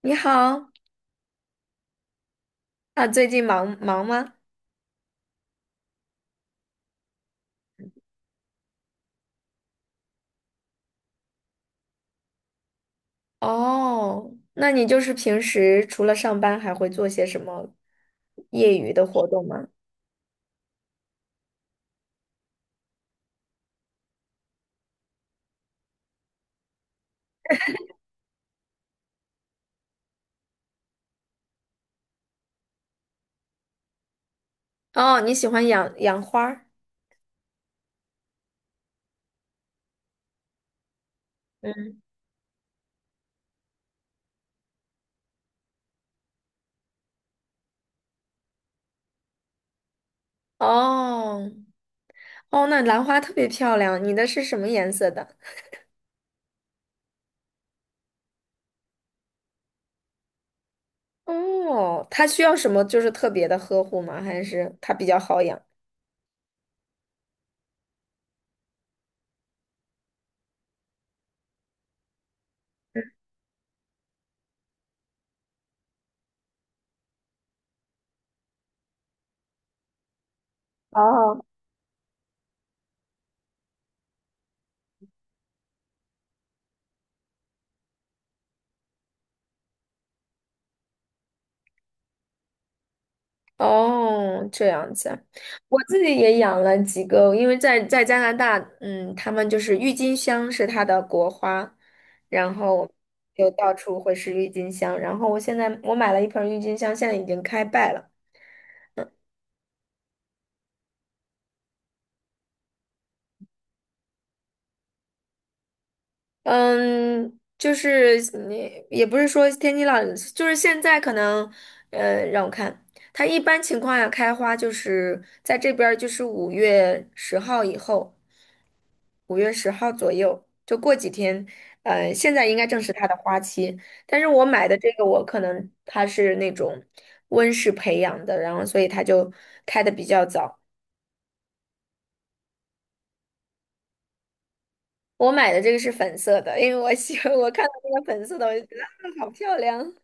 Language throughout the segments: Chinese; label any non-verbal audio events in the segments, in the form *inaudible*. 你好。啊，最近忙吗？哦，那你就是平时除了上班，还会做些什么业余的活动吗？哦，你喜欢养养花儿？嗯。哦，哦，那兰花特别漂亮，你的是什么颜色的？哦，它需要什么就是特别的呵护吗？还是它比较好养？哦，哦，这样子啊。我自己也养了几个，因为在加拿大，嗯，他们就是郁金香是它的国花，然后就到处会是郁金香。然后我现在我买了一盆郁金香，现在已经开败了。嗯，就是你也不是说天气老，就是现在可能，让我看，它一般情况下开花就是在这边儿就是五月十号以后。五月十号左右，就过几天，现在应该正是它的花期。但是我买的这个，我可能它是那种温室培养的，然后所以它就开的比较早。我买的这个是粉色的，因为我喜欢，*laughs* 我看到这个粉色的，我就觉得啊，好漂亮。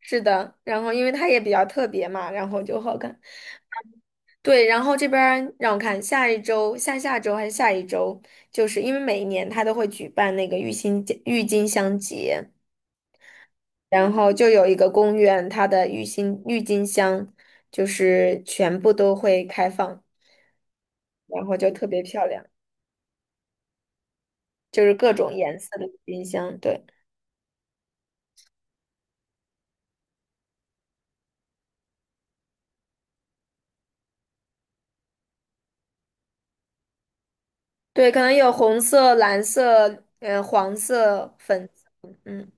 是的，然后因为它也比较特别嘛，然后就好看。对，然后这边儿让我看，下一周、下下周还是下一周，就是因为每一年它都会举办那个郁金香节。然后就有一个公园，它的郁金香就是全部都会开放，然后就特别漂亮，就是各种颜色的郁金香。对。对，可能有红色、蓝色、黄色、粉色。嗯，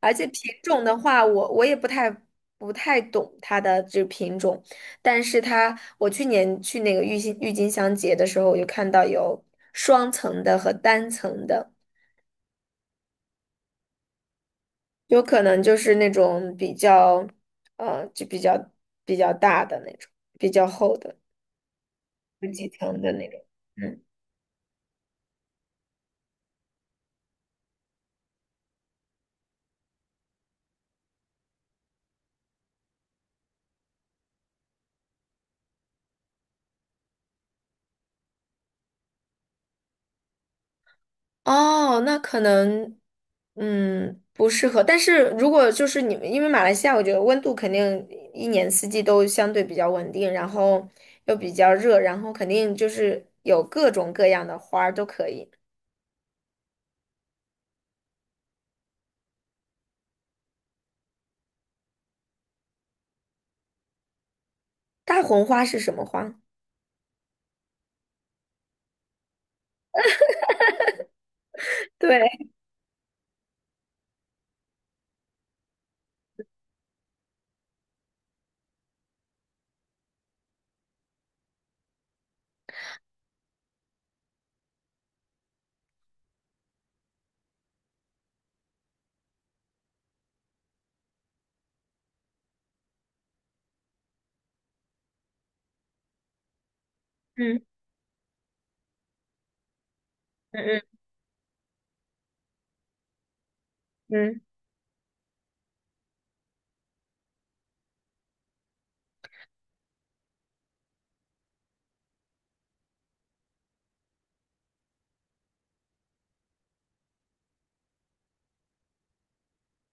而且品种的话，我也不太懂它的这品种，但是它我去年去那个郁金香节的时候，我就看到有双层的和单层的。有可能就是那种比较，就比较大的那种，比较厚的，十几层的那种。嗯。哦，那可能，嗯，不适合。但是如果就是你们，因为马来西亚，我觉得温度肯定一年四季都相对比较稳定，然后又比较热，然后肯定就是有各种各样的花儿都可以。大红花是什么花？对，嗯嗯嗯嗯，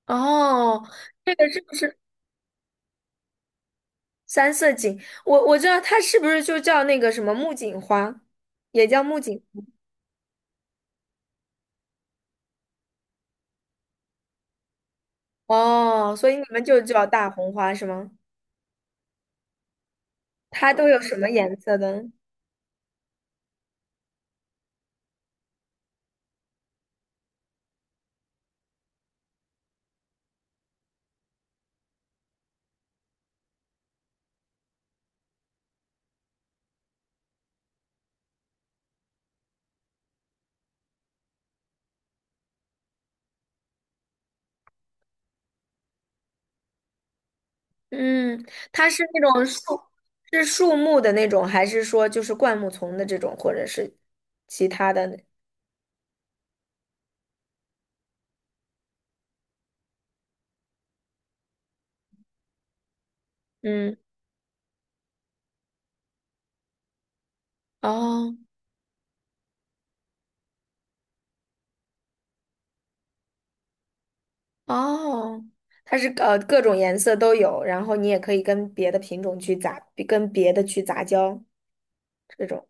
哦，这个是不是？三色堇，我知道它是不是就叫那个什么木槿花，也叫木槿。哦，所以你们就叫大红花是吗？它都有什么颜色的？嗯，它是那种树，是树木的那种，还是说就是灌木丛的这种，或者是其他的呢？嗯。哦。哦，它是各种颜色都有，然后你也可以跟别的品种去杂，跟别的去杂交这种。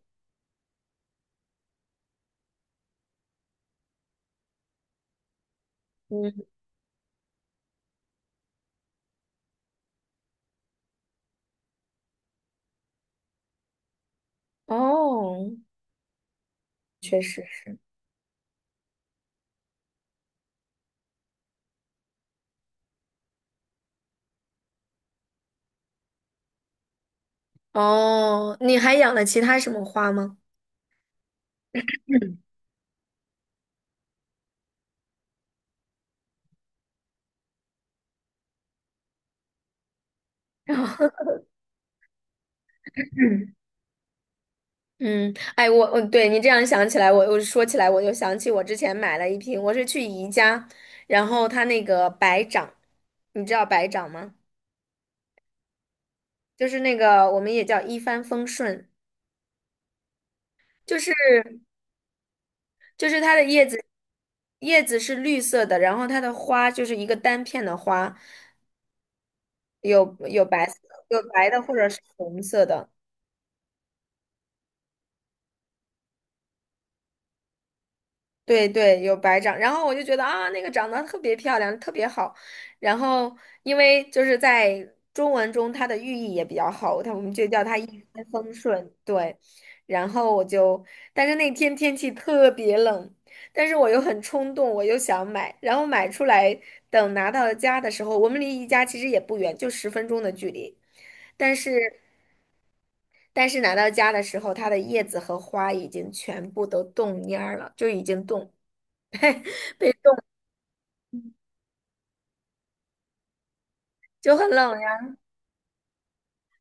嗯。哦，确实是。哦，你还养了其他什么花吗？嗯。 *laughs* 嗯，嗯，哎，我对你这样想起来，我说起来，我就想起我之前买了一瓶，我是去宜家，然后它那个白掌，你知道白掌吗？就是那个我们也叫一帆风顺，就是就是它的叶子，叶子是绿色的，然后它的花就是一个单片的花，有白色，有白的或者是红色的。对对，有白掌，然后我就觉得啊，那个长得特别漂亮，特别好。然后因为就是在中文中，它的寓意也比较好，它我们就叫它一帆风顺。对，然后我就，但是那天天气特别冷，但是我又很冲动，我又想买，然后买出来，等拿到家的时候，我们离宜家其实也不远，就10分钟的距离。但是但是拿到家的时候，它的叶子和花已经全部都冻蔫儿了，就已经冻，就很冷。呀。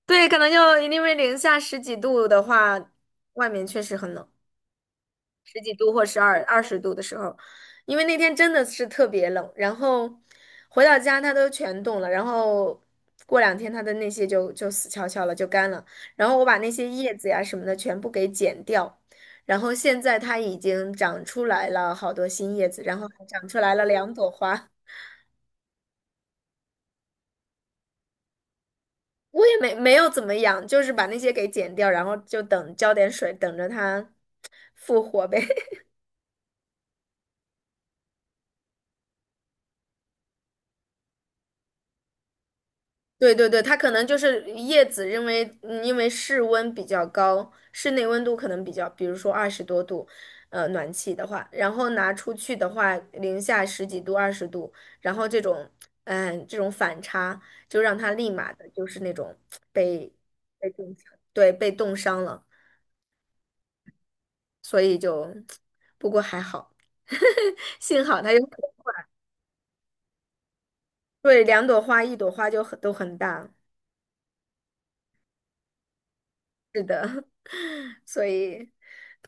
对，可能就因为零下十几度的话，外面确实很冷，十几度或十二二十度的时候，因为那天真的是特别冷，然后回到家它都全冻了，然后过两天它的那些就死翘翘了，就干了，然后我把那些叶子呀什么的全部给剪掉，然后现在它已经长出来了好多新叶子，然后还长出来了两朵花。我也没有怎么养，就是把那些给剪掉，然后就等浇点水，等着它复活呗。对对对，它可能就是叶子，因为因为室温比较高，室内温度可能比较，比如说20多度，暖气的话，然后拿出去的话，零下十几度、二十度，然后这种，嗯，这种反差就让它立马的就是那种被被冻伤，对，被冻伤了，所以就，不过还好，*laughs* 幸好它有，对，两朵花，一朵花就很都很大。是的，*laughs* 所以，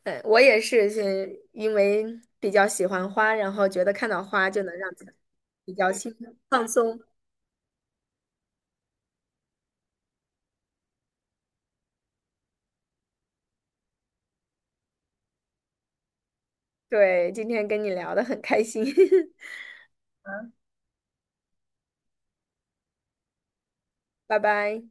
我也是，是因为比较喜欢花，然后觉得看到花就能让自己比较心放松。对，今天跟你聊得很开心，*laughs* 拜拜。